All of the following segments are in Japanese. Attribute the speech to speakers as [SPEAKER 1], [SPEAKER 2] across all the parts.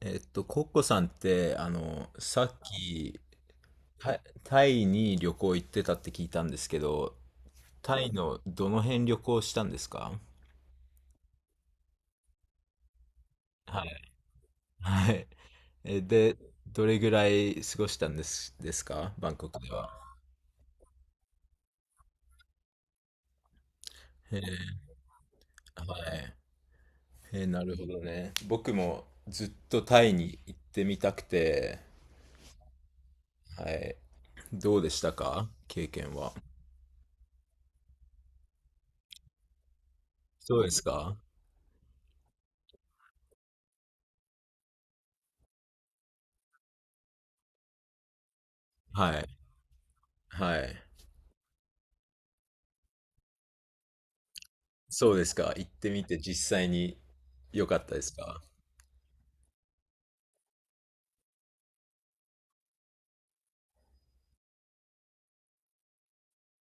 [SPEAKER 1] コッコさんって、さっき、タイに旅行行ってたって聞いたんですけど、タイのどの辺旅行したんですか？はい。はい。で、どれぐらい過ごしたんですか、バンコクでは？へえ、はい。へえ、なるほどね。僕もずっとタイに行ってみたくて、はい。どうでしたか、経験は？そうですか？はい。はい。そうですか。行ってみて実際に良かったですか？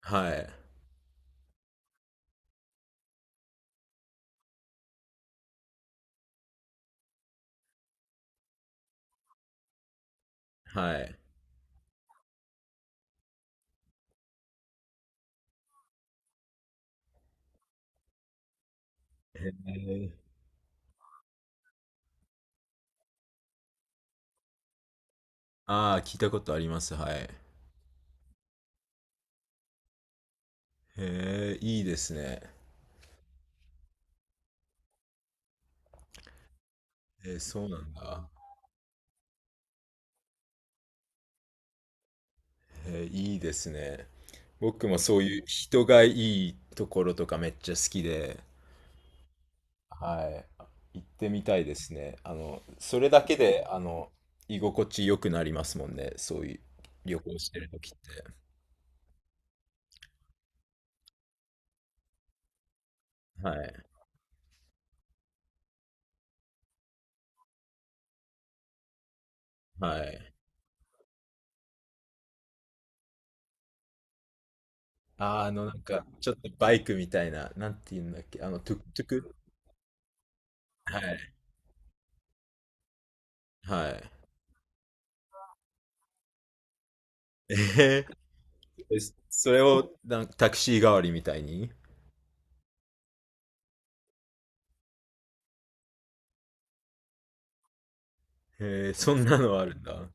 [SPEAKER 1] はい。はい。えー、ああ、聞いたことあります。はい。へえ、いいですね。そうなんだ。いいですね。僕もそういう人がいいところとかめっちゃ好きで、はい。行ってみたいですね。それだけで、居心地良くなりますもんね。そういう旅行してる時って。はい。はい。なんか、ちょっとバイクみたいな、なんて言うんだっけ、トゥクトゥク。はい。はい。えそれをなんかタクシー代わりみたいに。そんなのあるんだ。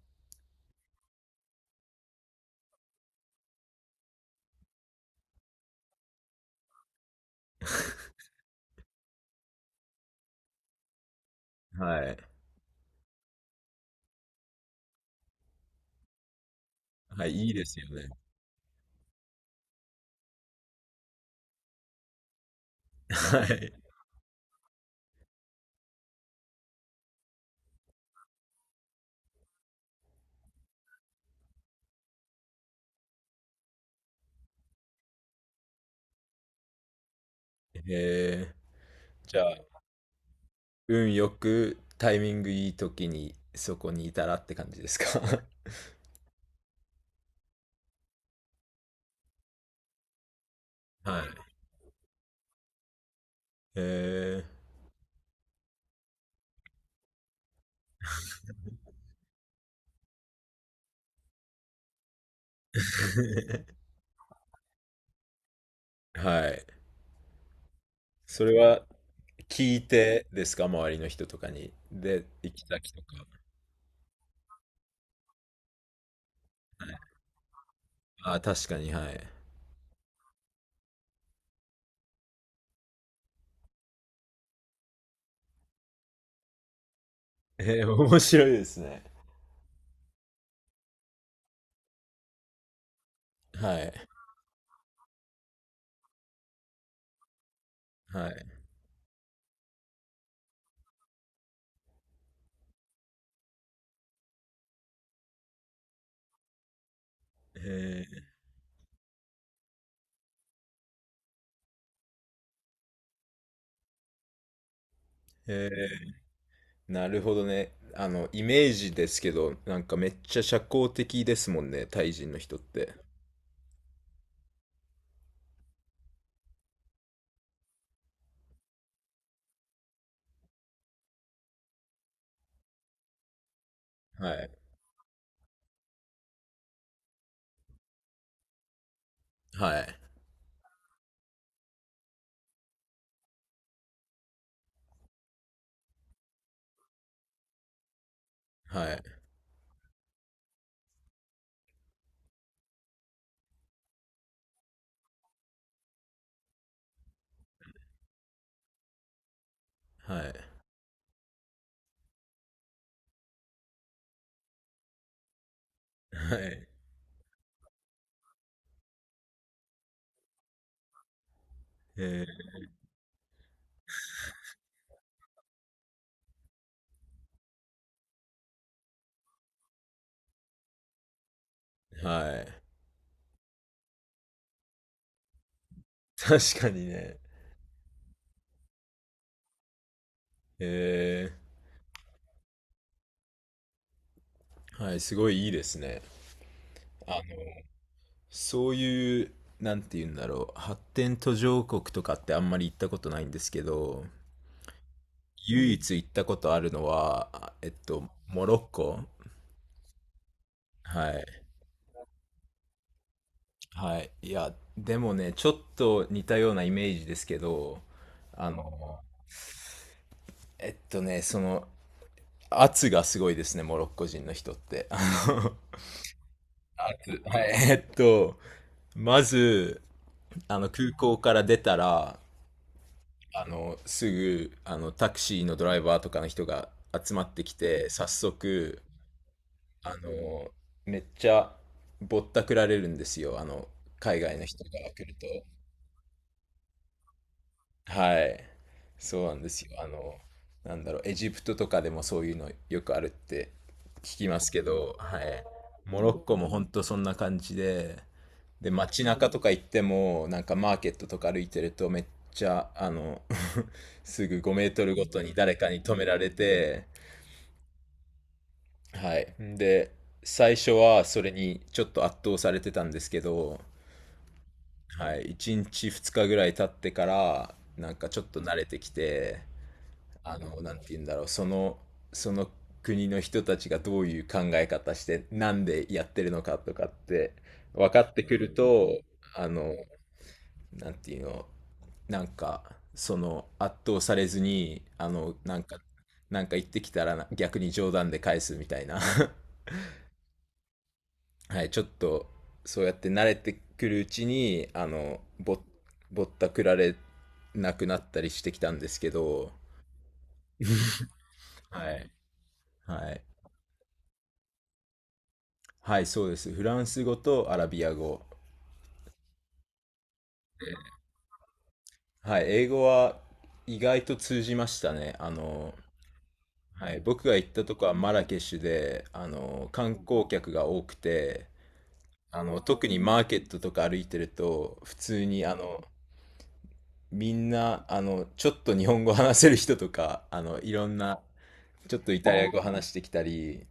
[SPEAKER 1] はい。はい、いいですよね。はい。えじゃあ、運よくタイミングいい時にそこにいたらって感じですか？はい。えー、はい。それは聞いてですか、周りの人とかに。で、行き先とか。ああ、確かに、はい。面白いですね。はい。はい。えー、えなるほどね。イメージですけど、なんかめっちゃ社交的ですもんね、タイ人の人って。はい。はい。はい。はい。はい。えはい。確かにね。えはい、すごいいいですね。あの、そういう、なんて言うんだろう、発展途上国とかってあんまり行ったことないんですけど、唯一行ったことあるのは、モロッコ。はい。はい。いや、でもね、ちょっと似たようなイメージですけど、あの、その、圧がすごいですね、モロッコ人の人って。の圧、はい。まず、空港から出たら、すぐ、タクシーのドライバーとかの人が集まってきて、早速、あの、めっちゃぼったくられるんですよ。海外の人から来ると。はい。そうなんですよ。なんだろう、エジプトとかでもそういうのよくあるって聞きますけど、はい。モロッコも本当そんな感じで、で、街中とか行っても、なんかマーケットとか歩いてると、めっちゃ、すぐ5メートルごとに誰かに止められて、はい。で、最初はそれにちょっと圧倒されてたんですけど、はい、1日2日ぐらい経ってから、なんかちょっと慣れてきて、なんて言うんだろう、その国の人たちがどういう考え方して、なんでやってるのかとかって分かってくると、あの、なんていうの、なんか、その圧倒されずに、なんか言ってきたらな逆に冗談で返すみたいな はい、ちょっと、そうやって慣れてくるうちに、ぼったくられなくなったりしてきたんですけど、はい。はい。はい、そうです。フランス語とアラビア語。はい、英語は意外と通じましたね。はい。僕が行ったとこはマラケシュで、観光客が多くて、特にマーケットとか歩いてると、普通にみんな、ちょっと日本語話せる人とか、いろんな、ちょっとイタリア語話してきたり、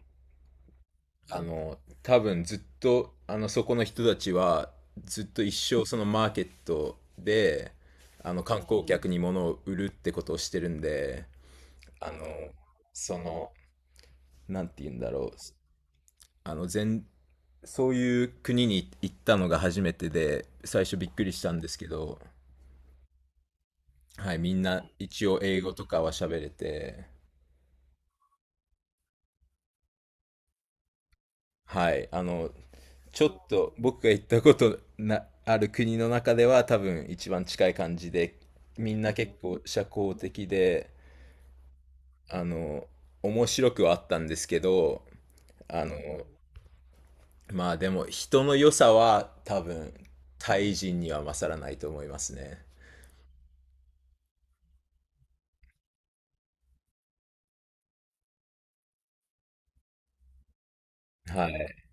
[SPEAKER 1] 多分ずっと、そこの人たちは、ずっと一生そのマーケットで、観光客に物を売るってことをしてるんで、あの、その、なんて言うんだろう、あの、全、そういう国に行ったのが初めてで、最初びっくりしたんですけど、はい、みんな一応英語とかは喋れて、はい。ちょっと僕が行ったことな、ある国の中では多分一番近い感じで、みんな結構社交的で、あの、面白くはあったんですけど、あの、まあでも人の良さは多分タイ人には勝らないと思いますね。はい。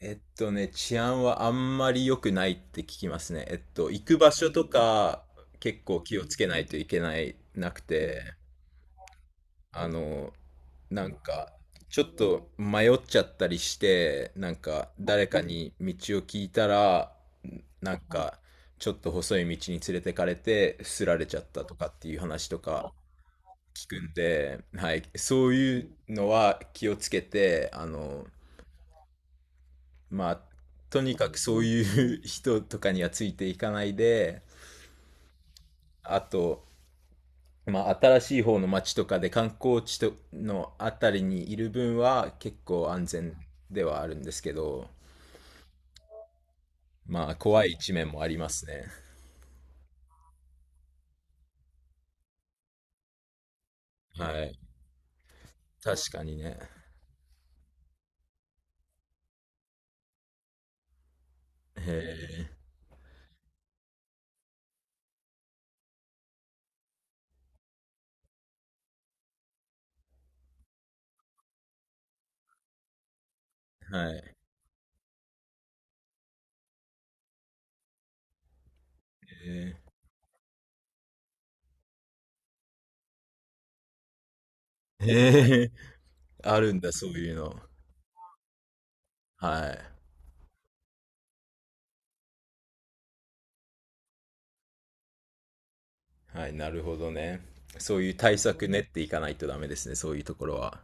[SPEAKER 1] 治安はあんまり良くないって聞きますね。行く場所とか結構気をつけないといけない、なくて。あの、なんか、ちょっと迷っちゃったりして、なんか、誰かに道を聞いたら、なんか、ちょっと細い道に連れてかれて、すられちゃったとかっていう話とか聞くんで、はい、そういうのは気をつけて、まあ、とにかくそういう人とかにはついていかないで、あと、まあ、新しい方の町とかで観光地とのあたりにいる分は結構安全ではあるんですけど、まあ、怖い一面もありますね。はい。確かにね。へえ、はい。へえ、へえ、あるんだ、そういうの。はい。はい、なるほどね。そういう対策練っていかないとダメですね、そういうところは。